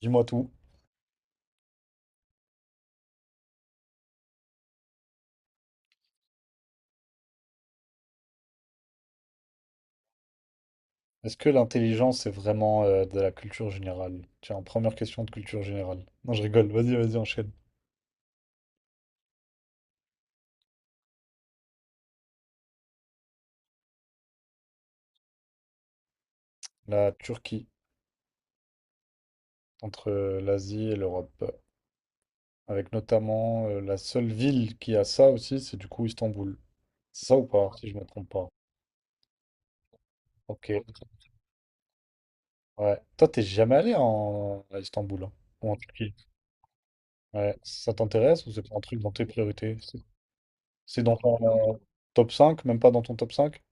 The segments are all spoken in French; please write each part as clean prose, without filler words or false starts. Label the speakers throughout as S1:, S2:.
S1: Dis-moi tout. Est-ce que l'intelligence, c'est vraiment de la culture générale? Tiens, première question de culture générale. Non, je rigole. Vas-y, vas-y, enchaîne. La Turquie, entre l'Asie et l'Europe. Avec notamment la seule ville qui a ça aussi, c'est du coup Istanbul. C'est ça ou pas, si je me trompe pas? Ok. Ouais. Toi, t'es jamais allé à Istanbul, hein, ou en Turquie? Ouais. Ça t'intéresse ou c'est pas un truc dans tes priorités? C'est dans ton euh, top 5, même pas dans ton top cinq.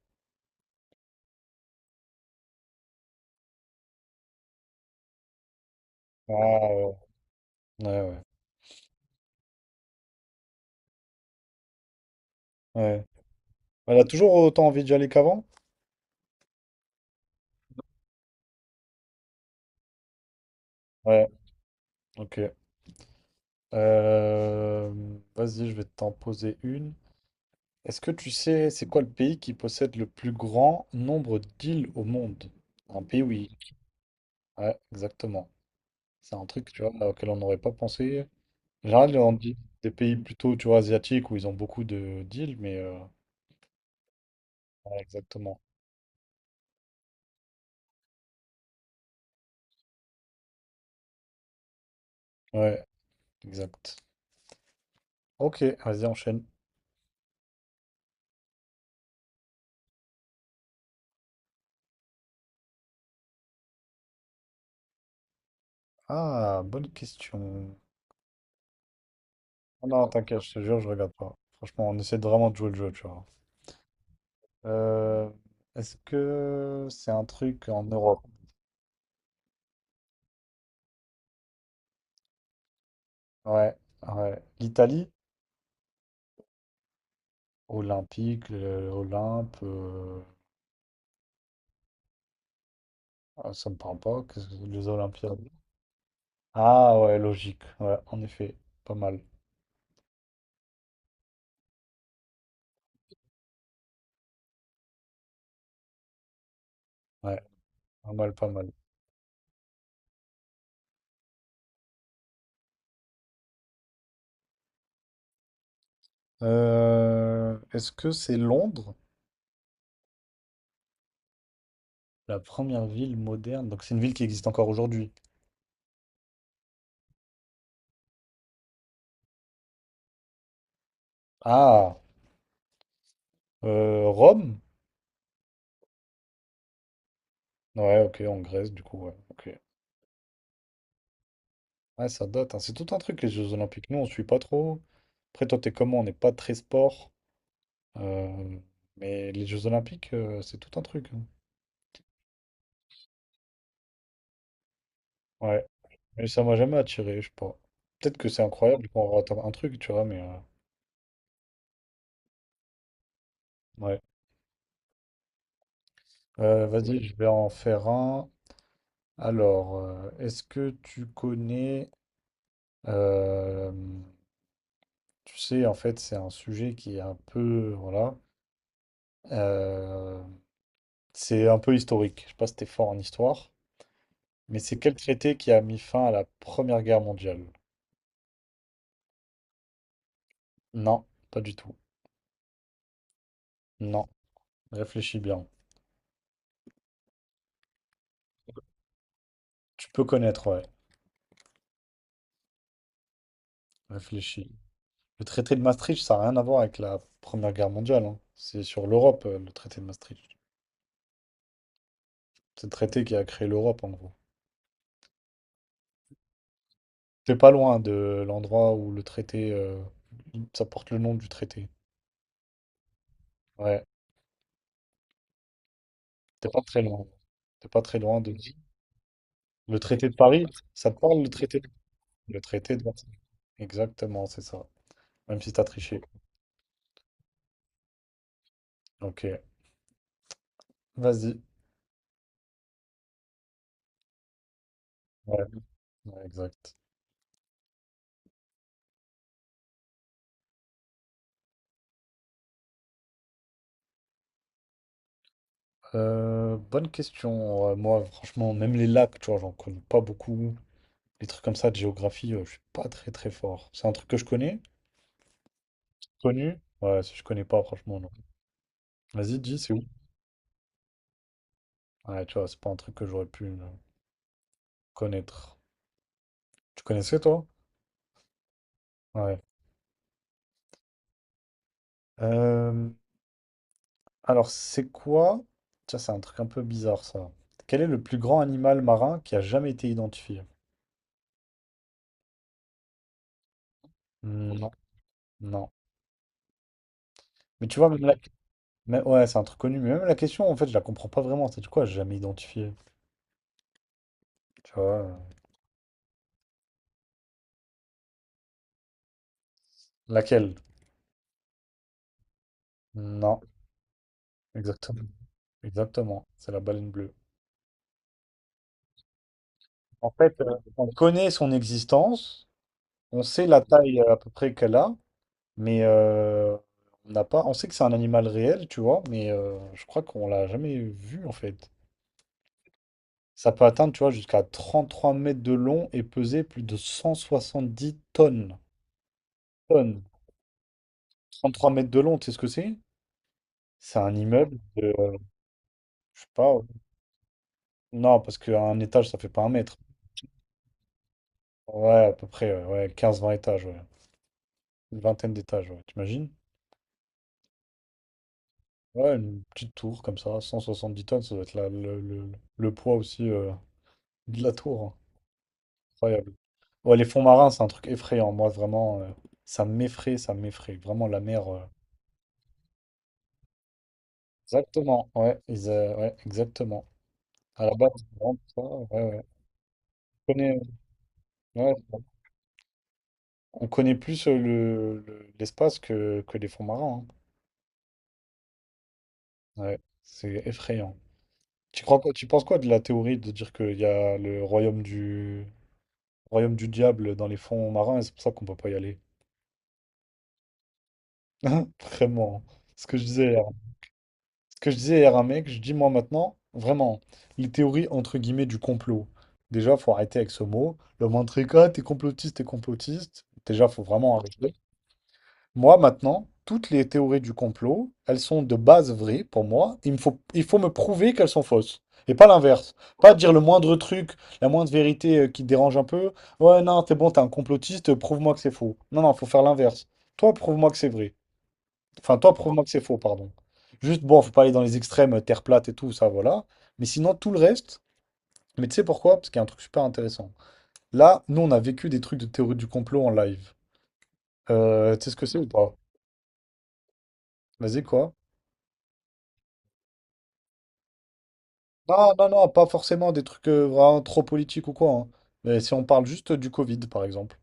S1: Ah ouais. Ouais, ouais. Ouais. Elle a toujours autant envie d'y aller qu'avant? Ouais, ok. Euh, Vas-y, je vais t'en poser une. Est-ce que tu sais, c'est quoi le pays qui possède le plus grand nombre d'îles au monde? Un pays, oui. Ouais, exactement. C'est un truc, tu vois, auquel on n'aurait pas pensé. En général, on dit des pays plutôt, tu vois, asiatiques où ils ont beaucoup de d'îles, mais, ouais, exactement. Ouais, exact. Ok, vas-y, enchaîne. Ah, bonne question. Ah non, t'inquiète, je te jure, je regarde pas. Franchement, on essaie de vraiment de jouer le jeu, tu vois. Euh, Est-ce que c'est un truc en Europe? Ouais, ouais. L'Italie? Olympique, Olympe, ah, ça me parle pas. Les Olympiades? Ah ouais, logique. Ouais, en effet, pas mal. Ouais, pas mal, pas mal. Est-ce que c'est Londres? La première ville moderne. Donc c'est une ville qui existe encore aujourd'hui. Ah, Rome? Ouais, ok, en Grèce, du coup, ouais. Ok. Ouais, ça date, hein. C'est tout un truc, les Jeux Olympiques. Nous, on suit pas trop. Après, toi, t'es comment? On n'est pas très sport. Euh, mais les Jeux Olympiques, c'est tout un truc, hein. Ouais. Mais ça m'a jamais attiré, je sais pas. Peut-être que c'est incroyable qu'on rate un truc, tu vois, mais, ouais. Vas-y, je vais en faire un. Alors, est-ce que tu connais... euh, tu sais, en fait, c'est un sujet qui est un peu... Voilà. Euh, c'est un peu historique. Je sais pas si t'es fort en histoire. Mais c'est quel traité qui a mis fin à la Première Guerre mondiale? Non, pas du tout. Non, réfléchis bien. Tu peux connaître, ouais. Réfléchis. Le traité de Maastricht, ça n'a rien à voir avec la Première Guerre mondiale, hein. C'est sur l'Europe, le traité de Maastricht. C'est le traité qui a créé l'Europe, en gros. T'es pas loin de l'endroit où le traité... ça porte le nom du traité. Ouais, t'es pas très loin. T'es pas très loin de... le traité de Paris, ça te parle, le traité de... le traité de Versailles. Exactement, c'est ça. Même si t'as triché. Ok, vas-y. Ouais, ouais, exact. Bonne question. Moi, franchement, même les lacs, tu vois, j'en connais pas beaucoup. Les trucs comme ça de géographie, je suis pas très très fort. C'est un truc que je connais? Connu? Ouais, si je connais pas, franchement, non. Vas-y, dis, c'est où? Ouais, tu vois, c'est pas un truc que j'aurais pu connaître. Tu connaissais, toi? Ouais. Euh, alors, c'est quoi? Tiens, c'est un truc un peu bizarre, ça. Quel est le plus grand animal marin qui a jamais été identifié? Non, non. Mais tu vois, même... mais ouais, c'est un truc connu. Mais même la question, en fait, je la comprends pas vraiment. C'est quoi? J'ai jamais identifié. Tu vois? Laquelle? Non, exactement. Exactement. C'est la baleine bleue. En fait, on connaît son existence, on sait la taille à peu près qu'elle a, mais on n'a pas. On sait que c'est un animal réel, tu vois, mais je crois qu'on l'a jamais vu en fait. Ça peut atteindre, tu vois, jusqu'à 33 mètres de long et peser plus de 170 tonnes. Tonnes. 33 mètres de long, tu sais ce que c'est? C'est un immeuble de, je sais pas. Ouais. Non, parce qu'un étage, ça fait pas un mètre. Ouais, à peu près, ouais. Ouais, 15-20 étages, ouais. Une vingtaine d'étages, ouais. T'imagines? Ouais, une petite tour comme ça, 170 tonnes, ça doit être le le poids aussi de la tour, hein. Incroyable. Ouais, les fonds marins, c'est un truc effrayant. Moi, vraiment, ça m'effraie, ça m'effraie. Vraiment, la mer. Exactement, ouais, ils, ouais, exactement. À la base, c'est vraiment pour ça, ouais, ouais. On connaît, ouais, on connaît plus l'espace que les fonds marins, hein. Ouais, c'est effrayant. Tu crois quoi, tu penses quoi de la théorie de dire qu'il y a le royaume du diable dans les fonds marins et c'est pour ça qu'on peut pas y aller? Vraiment, hein. Ce que je disais hier. Ce que je disais hier à un mec, je dis moi maintenant, vraiment, les théories entre guillemets du complot. Déjà, faut arrêter avec ce mot. Le moindre truc, ah, t'es complotiste, t'es complotiste. Déjà, faut vraiment arrêter. Moi, maintenant, toutes les théories du complot, elles sont de base vraies pour moi. Il me faut, il faut me prouver qu'elles sont fausses. Et pas l'inverse. Pas dire le moindre truc, la moindre vérité qui te dérange un peu. Ouais, non, t'es bon, t'es un complotiste, prouve-moi que c'est faux. Non, non, faut faire l'inverse. Toi, prouve-moi que c'est vrai. Enfin, toi, prouve-moi que c'est faux, pardon. Juste, bon, faut pas aller dans les extrêmes, terre plate et tout, ça, voilà. Mais sinon, tout le reste. Mais tu sais pourquoi? Parce qu'il y a un truc super intéressant. Là, nous, on a vécu des trucs de théorie du complot en live. Tu sais ce que c'est ou pas? Vas-y, quoi? Non, non, non, pas forcément des trucs vraiment trop politiques ou quoi, hein. Mais si on parle juste du Covid, par exemple.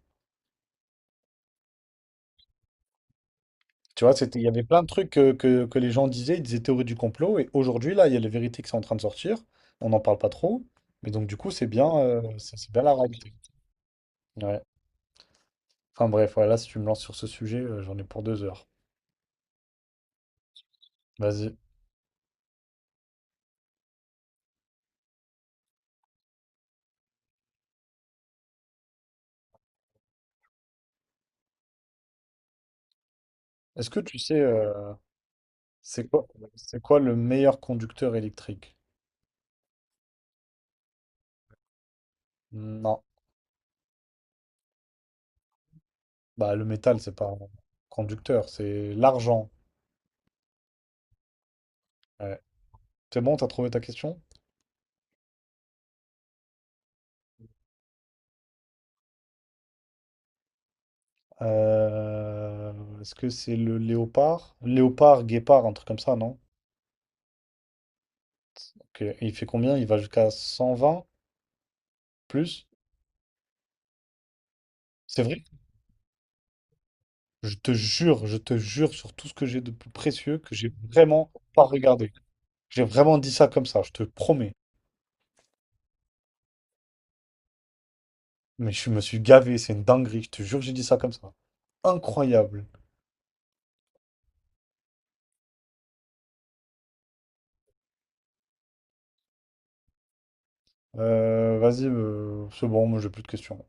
S1: Tu vois, c'était, il y avait plein de trucs que les gens disaient, ils disaient théorie du complot, et aujourd'hui, là, il y a les vérités qui sont en train de sortir. On n'en parle pas trop. Mais donc, du coup, c'est bien, c'est bien la réalité. Ouais. Enfin bref, voilà, si tu me lances sur ce sujet, j'en ai pour 2 heures. Vas-y. Est-ce que tu sais, c'est quoi, c'est quoi le meilleur conducteur électrique? Non. Bah, le métal, c'est pas un conducteur, c'est l'argent. Ouais. C'est bon, t'as trouvé ta question? Euh, Est-ce que c'est le léopard? Léopard, guépard, un truc comme ça, non? Ok. Et il fait combien? Il va jusqu'à 120 plus? C'est vrai? Je te jure sur tout ce que j'ai de plus précieux que j'ai vraiment pas regardé. J'ai vraiment dit ça comme ça, je te promets. Mais je me suis gavé, c'est une dinguerie, je te jure, j'ai dit ça comme ça. Incroyable. Vas-y, c'est bon, moi j'ai plus de questions.